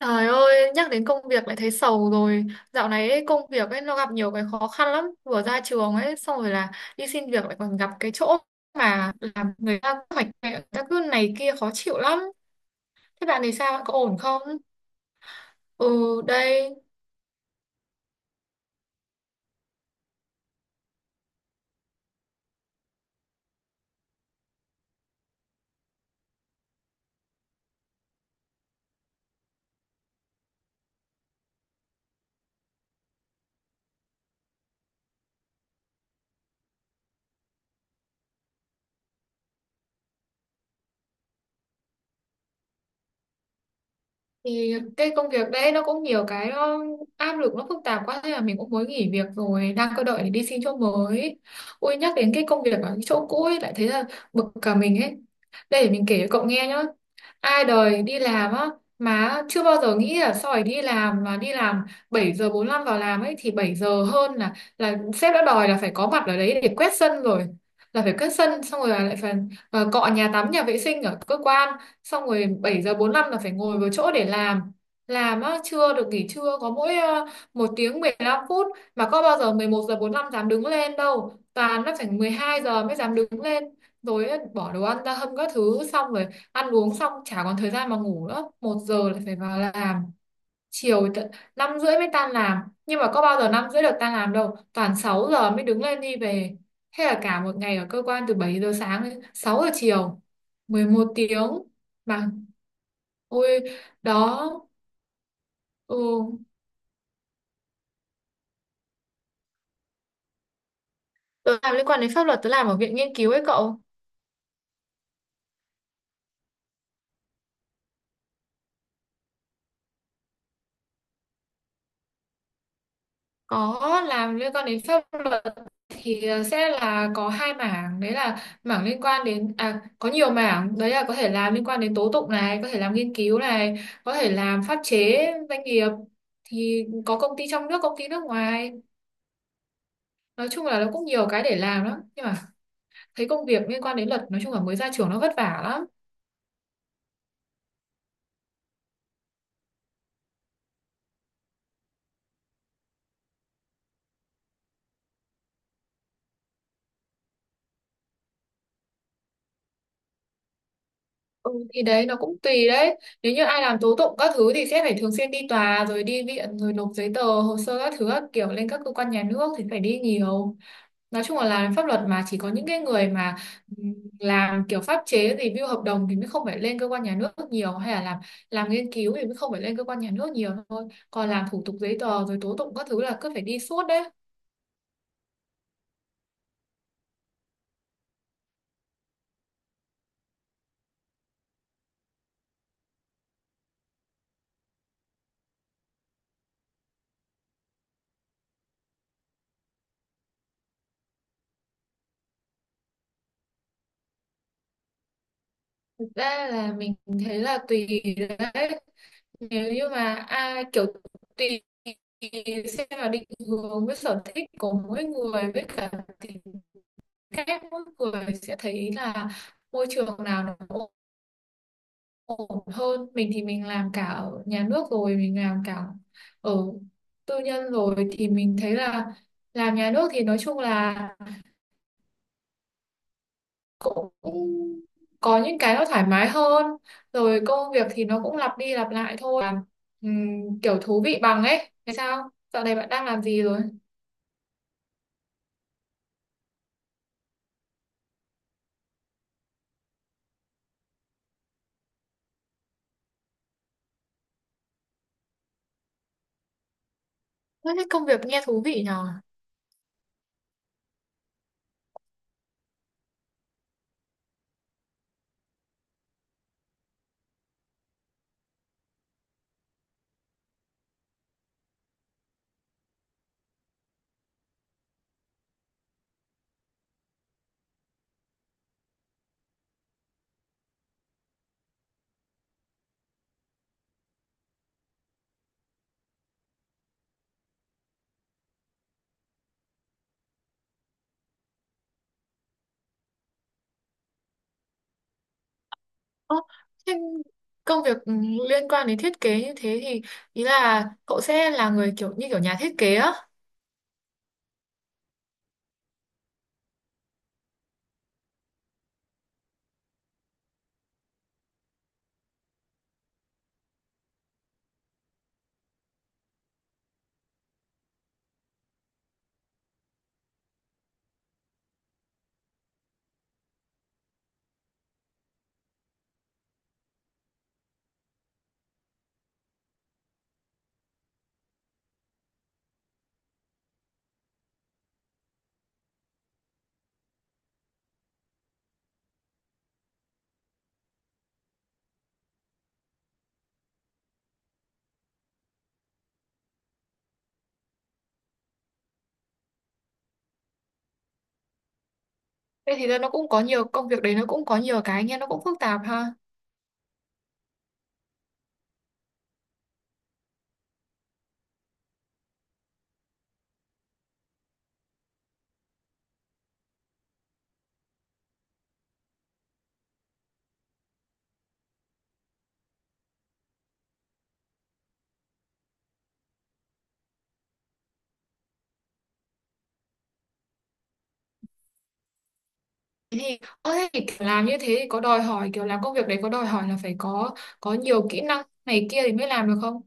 Trời ơi, nhắc đến công việc lại thấy sầu rồi. Dạo này ấy, công việc ấy nó gặp nhiều cái khó khăn lắm. Vừa ra trường ấy, xong rồi là đi xin việc lại còn gặp cái chỗ mà làm người ta hoạch hoạch, người ta cứ này kia khó chịu lắm. Thế bạn thì sao? Bạn có ổn không? Ừ, đây. Thì cái công việc đấy nó cũng nhiều cái, nó áp lực, nó phức tạp quá, thế là mình cũng mới nghỉ việc rồi, đang cơ đợi để đi xin chỗ mới. Ôi, nhắc đến cái công việc ở cái chỗ cũ ấy lại thấy là bực cả mình ấy. Đây, để mình kể cho cậu nghe nhá. Ai đời đi làm á mà chưa bao giờ nghĩ là sau này đi làm mà đi làm 7:45 vào làm ấy, thì 7 giờ hơn là sếp đã đòi là phải có mặt ở đấy để quét sân rồi, là phải quét sân xong rồi là lại phải cọ nhà tắm nhà vệ sinh ở cơ quan, xong rồi 7:45 là phải ngồi vào chỗ để làm. Làm á, chưa được nghỉ trưa, có mỗi 1 tiếng 15 phút, mà có bao giờ 11:45 dám đứng lên đâu, toàn nó phải 12 giờ mới dám đứng lên rồi á. Bỏ đồ ăn ra hâm các thứ, xong rồi ăn uống xong chả còn thời gian mà ngủ nữa, 1 giờ lại phải vào làm. Chiều tận 5 rưỡi mới tan làm, nhưng mà có bao giờ 5 rưỡi được tan làm đâu, toàn 6 giờ mới đứng lên đi về. Thế là cả một ngày ở cơ quan từ 7 giờ sáng đến 6 giờ chiều, 11 tiếng mà. Ôi, đó, ừ. Tớ làm liên quan đến pháp luật, tớ làm ở viện nghiên cứu ấy cậu. Có, làm liên quan đến pháp luật thì sẽ là có hai mảng, đấy là mảng liên quan đến, à, có nhiều mảng, đấy là có thể làm liên quan đến tố tụng này, có thể làm nghiên cứu này, có thể làm pháp chế doanh nghiệp, thì có công ty trong nước, công ty nước ngoài. Nói chung là nó cũng nhiều cái để làm lắm. Nhưng mà thấy công việc liên quan đến luật, nói chung là mới ra trường nó vất vả lắm. Ừ, thì đấy nó cũng tùy đấy. Nếu như ai làm tố tụng các thứ thì sẽ phải thường xuyên đi tòa rồi đi viện rồi nộp giấy tờ hồ sơ các thứ các kiểu lên các cơ quan nhà nước, thì phải đi nhiều. Nói chung là làm pháp luật mà chỉ có những cái người mà ừm, làm kiểu pháp chế review hợp đồng thì mới không phải lên cơ quan nhà nước nhiều, hay là làm nghiên cứu thì mới không phải lên cơ quan nhà nước nhiều thôi. Còn làm thủ tục giấy tờ rồi tố tụng các thứ là cứ phải đi suốt đấy. Ra là mình thấy là tùy đấy, nếu như mà ai kiểu, tùy xem là định hướng với sở thích của mỗi người, với cả tính cách mỗi người sẽ thấy là môi trường nào nó ổn ổn hơn. Mình thì mình làm cả ở nhà nước rồi mình làm cả ở tư nhân rồi, thì mình thấy là làm nhà nước thì nói chung là cũng có những cái nó thoải mái hơn, rồi công việc thì nó cũng lặp đi lặp lại thôi. Làm, kiểu thú vị bằng ấy. Thế sao dạo này bạn đang làm gì rồi? Ơ, thế công việc nghe thú vị nhờ. Ơ, thế công việc liên quan đến thiết kế như thế thì ý là cậu sẽ là người kiểu như kiểu nhà thiết kế á. Thế thì nó cũng có nhiều công việc đấy, nó cũng có nhiều cái nghe nó cũng phức tạp ha. Thế thì ơ thế thì kiểu làm như thế thì có đòi hỏi, kiểu làm công việc đấy có đòi hỏi là phải có nhiều kỹ năng này kia thì mới làm được không?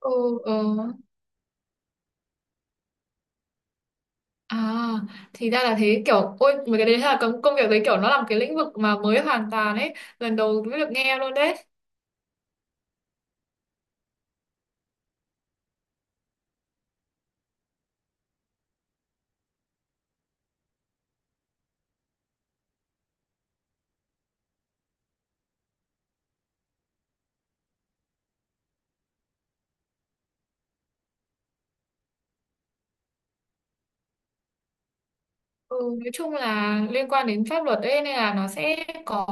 Ừ. Ờ. À, thì ra là thế, kiểu ôi mấy cái đấy là công công việc đấy, kiểu nó là một cái lĩnh vực mà mới hoàn toàn ấy, lần đầu mới được nghe luôn đấy. Ừ, nói chung là liên quan đến pháp luật ấy, nên là nó sẽ có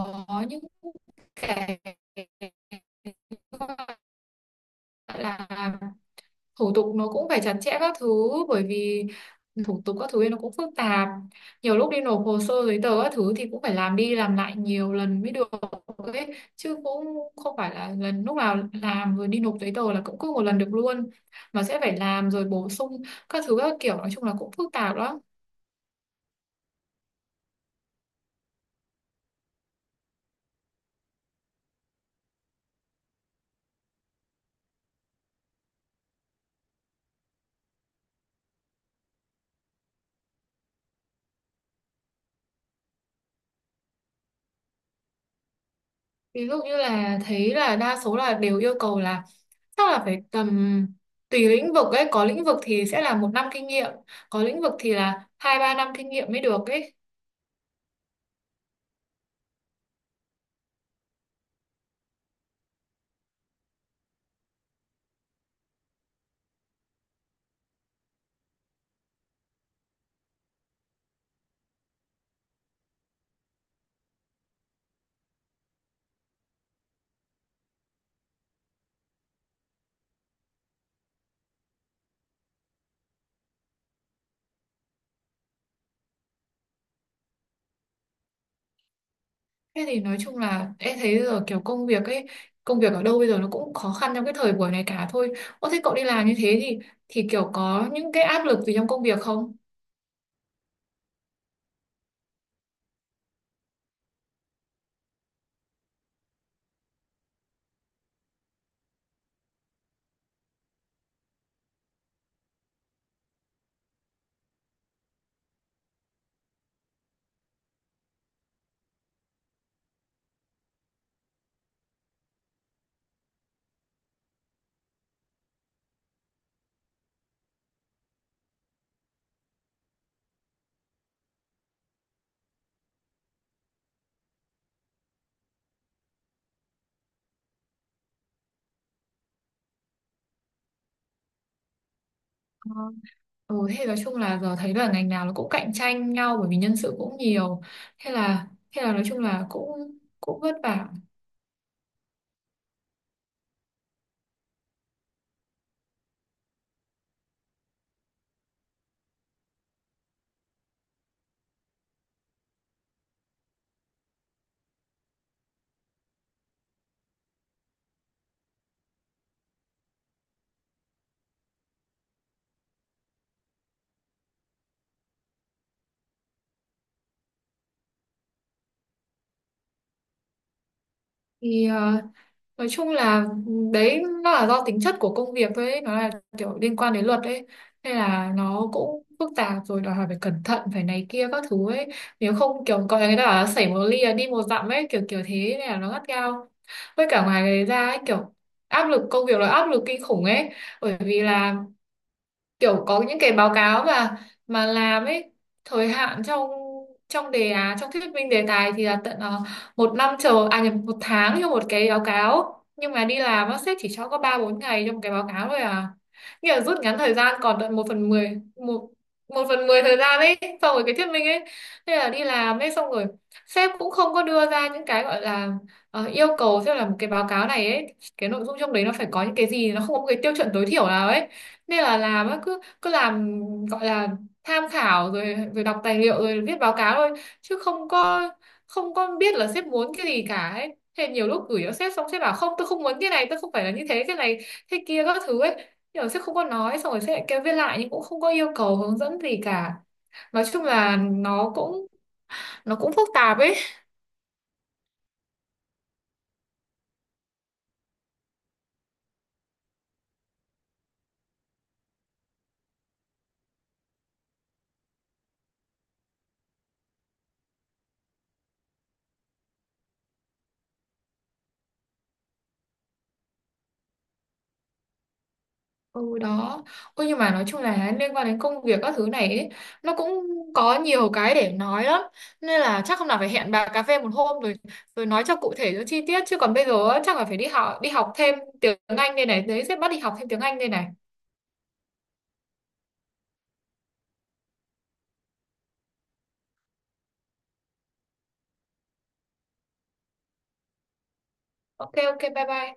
những cái gọi là thủ tục, nó cũng phải chặt chẽ các thứ. Bởi vì ừ, thủ tục các thứ ấy nó cũng phức tạp, nhiều lúc đi nộp hồ sơ giấy tờ các thứ thì cũng phải làm đi làm lại nhiều lần mới được ấy, chứ cũng không phải là lần lúc nào làm rồi đi nộp giấy tờ là cũng cứ một lần được luôn, mà sẽ phải làm rồi bổ sung các thứ các kiểu, nói chung là cũng phức tạp đó. Ví dụ như là thấy là đa số là đều yêu cầu là chắc là phải tầm, tùy lĩnh vực ấy, có lĩnh vực thì sẽ là 1 năm kinh nghiệm, có lĩnh vực thì là 2-3 năm kinh nghiệm mới được ấy. Thế thì nói chung là em thấy giờ kiểu công việc ấy, công việc ở đâu bây giờ nó cũng khó khăn trong cái thời buổi này cả thôi. Ô thế cậu đi làm như thế thì kiểu có những cái áp lực gì trong công việc không? Ừ, thế nói chung là giờ thấy là ngành nào nó cũng cạnh tranh nhau bởi vì nhân sự cũng nhiều. Thế là thế là nói chung là cũng cũng vất vả. Thì nói chung là đấy nó là do tính chất của công việc thôi ấy. Nó là kiểu liên quan đến luật ấy, nên là nó cũng phức tạp, rồi đòi hỏi phải cẩn thận phải này kia các thứ ấy. Nếu không, kiểu có người ta bảo là xảy một ly là đi một dặm ấy, kiểu kiểu thế, nên là nó gắt gao. Với cả ngoài cái ra ấy, kiểu áp lực công việc là áp lực kinh khủng ấy. Bởi vì là kiểu có những cái báo cáo mà làm ấy, thời hạn trong trong đề án, trong thuyết minh đề tài thì là tận một năm, chờ, à nhầm, 1 tháng cho một cái báo cáo, nhưng mà đi làm á sếp chỉ cho có 3-4 ngày trong cái báo cáo thôi à, nghĩa là rút ngắn thời gian còn tận 1/10, một một phần mười thời gian ấy. Xong rồi cái thuyết minh ấy, thế là đi làm ấy xong rồi sếp cũng không có đưa ra những cái gọi là yêu cầu, xem là một cái báo cáo này ấy, cái nội dung trong đấy nó phải có những cái gì, nó không có một cái tiêu chuẩn tối thiểu nào ấy. Nên là làm á cứ cứ làm, gọi là tham khảo rồi rồi đọc tài liệu rồi viết báo cáo thôi, chứ không có biết là sếp muốn cái gì cả ấy. Thế nhiều lúc gửi cho sếp xong, sếp bảo không, tôi không muốn cái này, tôi không phải là như thế, cái này thế kia các thứ ấy, nhưng mà sếp không có nói, xong rồi sếp lại kêu viết lại nhưng cũng không có yêu cầu hướng dẫn gì cả. Nói chung là nó cũng phức tạp ấy. Ừ đó. Ôi nhưng mà nói chung là liên quan đến công việc các thứ này ấy, nó cũng có nhiều cái để nói lắm. Nên là chắc hôm nào phải hẹn bà cà phê một hôm, rồi rồi nói cho cụ thể cho chi tiết. Chứ còn bây giờ á, chắc là phải đi học thêm tiếng Anh đây này. Đấy sẽ bắt đi học thêm tiếng Anh đây này. Ok ok, bye bye.